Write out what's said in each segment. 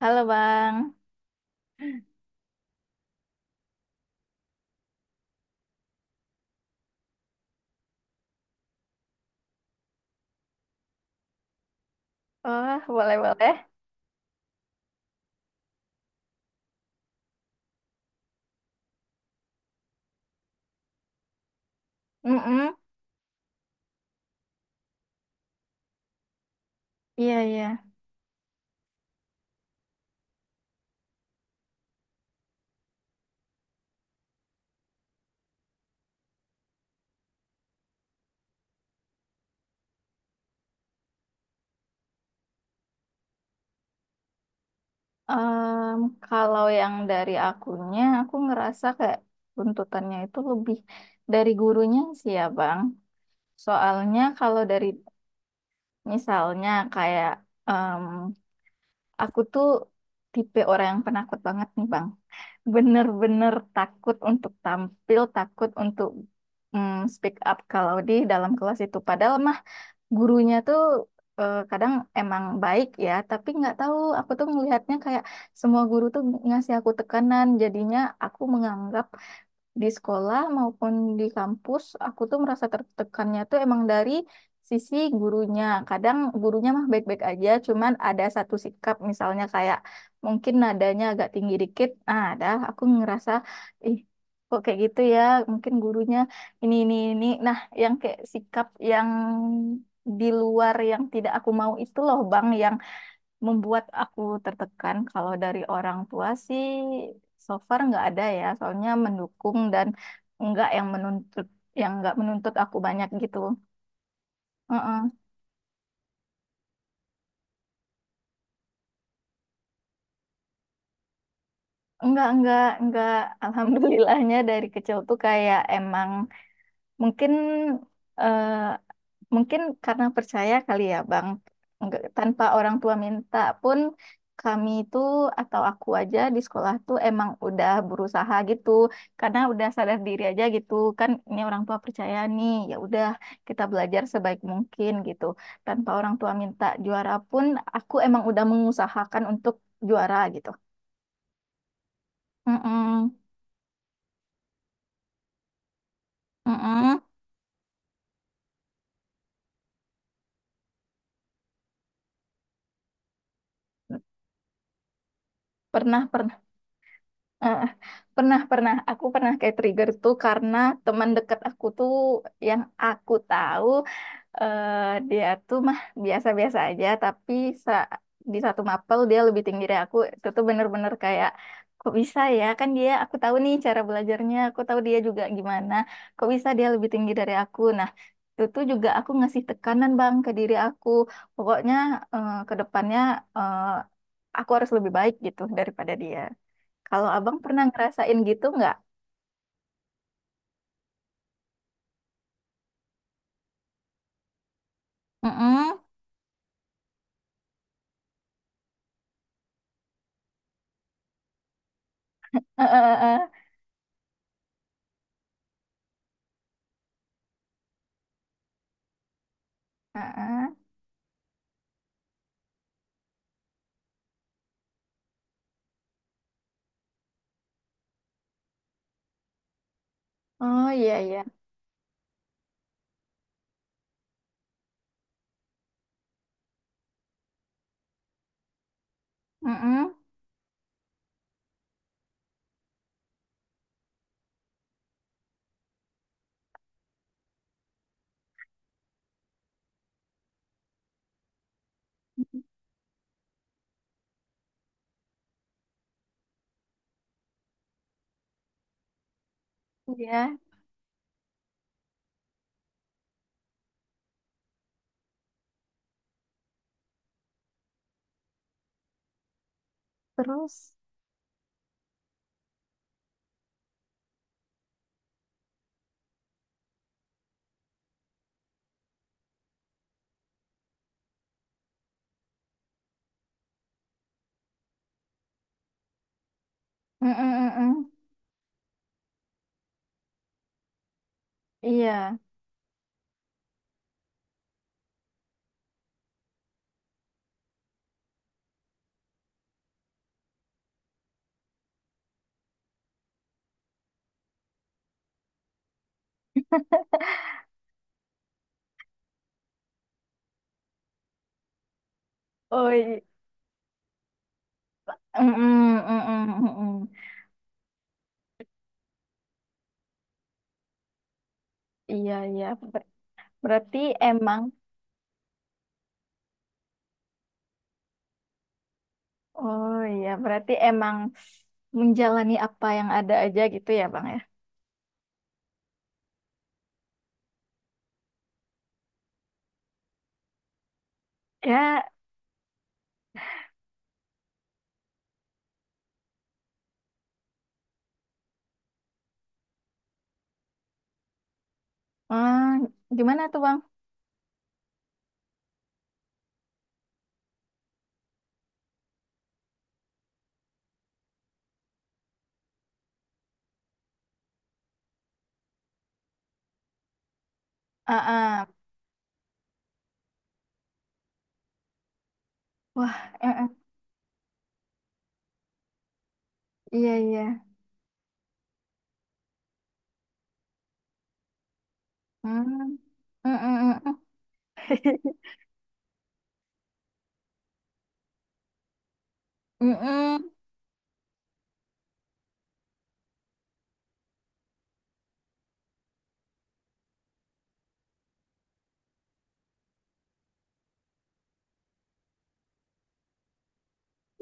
Halo Bang. Oh, boleh-boleh. Mm-mm. Iya, iya. Em, Kalau yang dari akunya, aku ngerasa kayak tuntutannya itu lebih dari gurunya sih ya Bang. Soalnya kalau dari misalnya kayak em, aku tuh tipe orang yang penakut banget nih Bang. Bener-bener takut untuk tampil, takut untuk speak up kalau di dalam kelas itu. Padahal mah gurunya tuh kadang emang baik ya, tapi nggak tahu aku tuh ngelihatnya kayak semua guru tuh ngasih aku tekanan, jadinya aku menganggap di sekolah maupun di kampus aku tuh merasa tertekannya tuh emang dari sisi gurunya. Kadang gurunya mah baik-baik aja, cuman ada satu sikap misalnya kayak mungkin nadanya agak tinggi dikit. Nah ada, aku ngerasa ih, kok kayak gitu ya, mungkin gurunya ini. Nah, yang kayak sikap yang di luar yang tidak aku mau itu loh Bang, yang membuat aku tertekan. Kalau dari orang tua sih so far nggak ada ya, soalnya mendukung dan nggak yang menuntut, yang nggak menuntut aku banyak gitu. Heeh. Enggak, enggak. Alhamdulillahnya dari kecil tuh kayak emang mungkin eh, mungkin karena percaya kali ya, Bang. Tanpa orang tua minta pun kami itu atau aku aja di sekolah tuh emang udah berusaha gitu. Karena udah sadar diri aja gitu. Kan ini orang tua percaya nih, ya udah kita belajar sebaik mungkin gitu. Tanpa orang tua minta juara pun aku emang udah mengusahakan untuk juara gitu. Mm-mm, mm-mm. Pernah, pernah. Eh, pernah, aku pernah kayak trigger tuh karena teman dekat aku tuh yang aku tahu eh, dia tuh mah biasa-biasa aja, tapi sa- di satu mapel dia lebih tinggi dari aku. Itu tuh bener-bener kayak, kok bisa ya, kan dia aku tahu nih cara belajarnya, aku tahu dia juga gimana, kok bisa dia lebih tinggi dari aku. Nah itu tuh juga aku ngasih tekanan bang ke diri aku, pokoknya ke depannya eh, aku harus lebih baik gitu daripada dia. Kalau abang pernah ngerasain gitu nggak? Mm-mm. Eh, eh, eh, eh. Eh, eh. Oh iya iya. Mm-mm. Iya. Terus. Mm-mm, mm-mm. Iya. Oh iya. Mm-mm, mm-mm, mm-mm. Iya, iya. Ber- Berarti emang, oh iya, berarti emang menjalani apa yang ada aja gitu ya, Bang ya. Ya, hmm, gimana tuh, Bang? Ah, ah. Wah, eh, eh. Iya, iya. Hmm. Mm-mm, mm-mm. Mm-mm.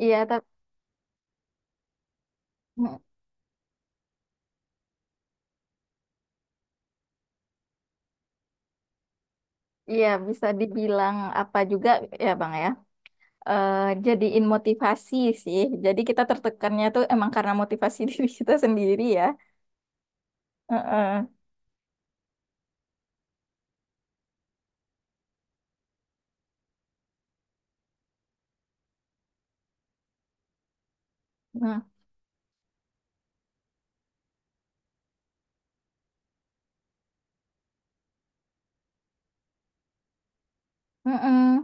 Iya, tapi iya, bisa dibilang apa juga ya Bang ya. Eh jadiin motivasi sih. Jadi kita tertekannya tuh emang karena motivasi diri kita sendiri ya. Heeh. Nah, heeh.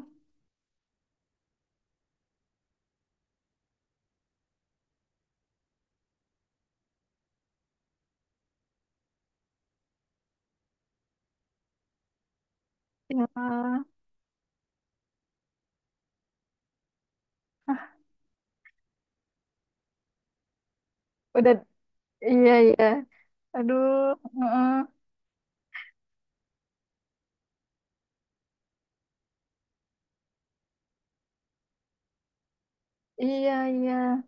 Ya, ah, udah iya iya. Aduh, heeh. Iya iya.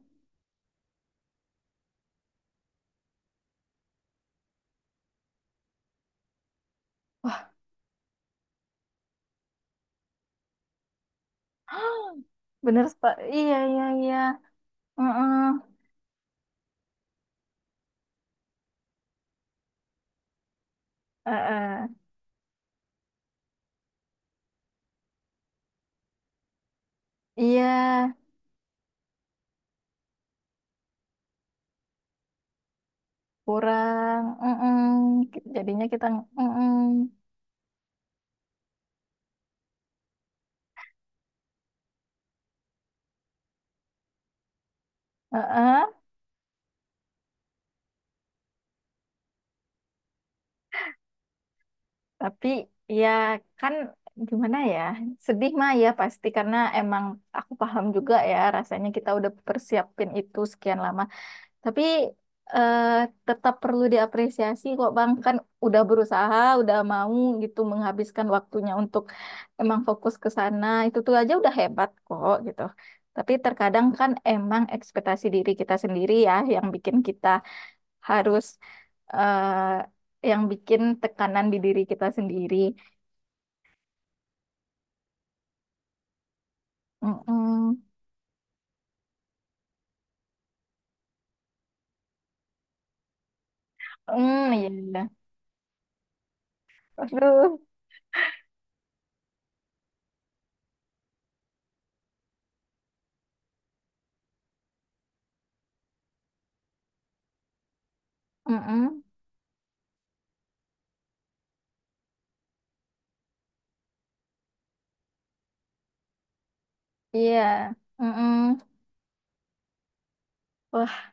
Wah, bener Pak. Iya iya iya. Heeh. Heeh. Iya, kurang. Heeh. Jadinya kita heeh. Heeh. Tapi ya kan gimana ya, sedih mah ya pasti karena emang aku paham juga ya rasanya kita udah persiapin itu sekian lama. Tapi eh, tetap perlu diapresiasi kok Bang, kan udah berusaha, udah mau gitu menghabiskan waktunya untuk emang fokus ke sana, itu tuh aja udah hebat kok gitu. Tapi terkadang kan emang ekspektasi diri kita sendiri ya yang bikin kita harus yang bikin tekanan di diri kita sendiri. Mm-mm. Mm, iya, iya. Aduh, mm-mm. Iya. Mm-mm. Wah,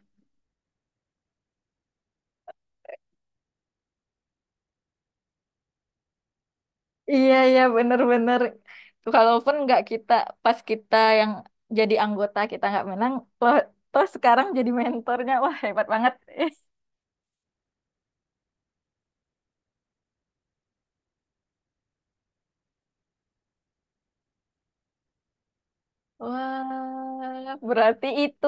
iya iya bener-bener. Kalaupun nggak, kita pas kita yang jadi anggota kita nggak menang, loh, toh sekarang jadi mentornya, wah hebat banget. Eh, wah, berarti itu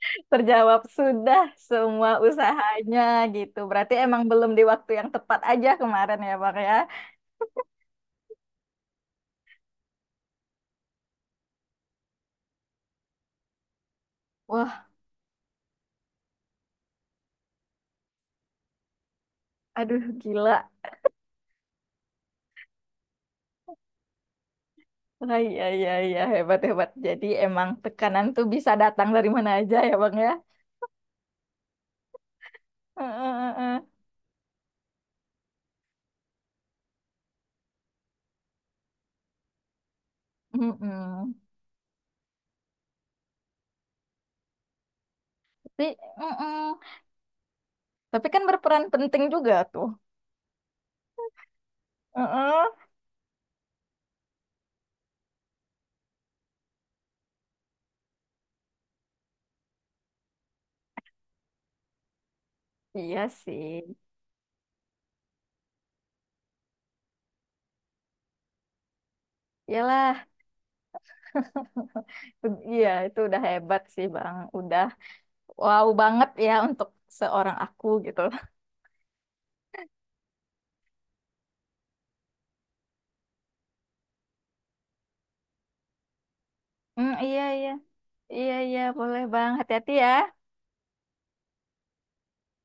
terjawab sudah semua usahanya gitu. Berarti emang belum di waktu yang tepat aja kemarin ya, Bang ya. Wah, aduh gila. Ah, iya, iya, iya, hebat, hebat. Jadi emang tekanan tuh bisa datang dari mana aja ya, Bang ya. Heeh, heeh. Mm-mm. Tapi, mm-mm. Tapi kan berperan penting juga tuh. Heeh. Iya sih. Iyalah, itu- iya itu udah hebat sih, Bang. Udah wow banget ya untuk seorang aku gitu. Mm, iya, iya. Iya, iya, boleh, Bang. Hati-hati ya.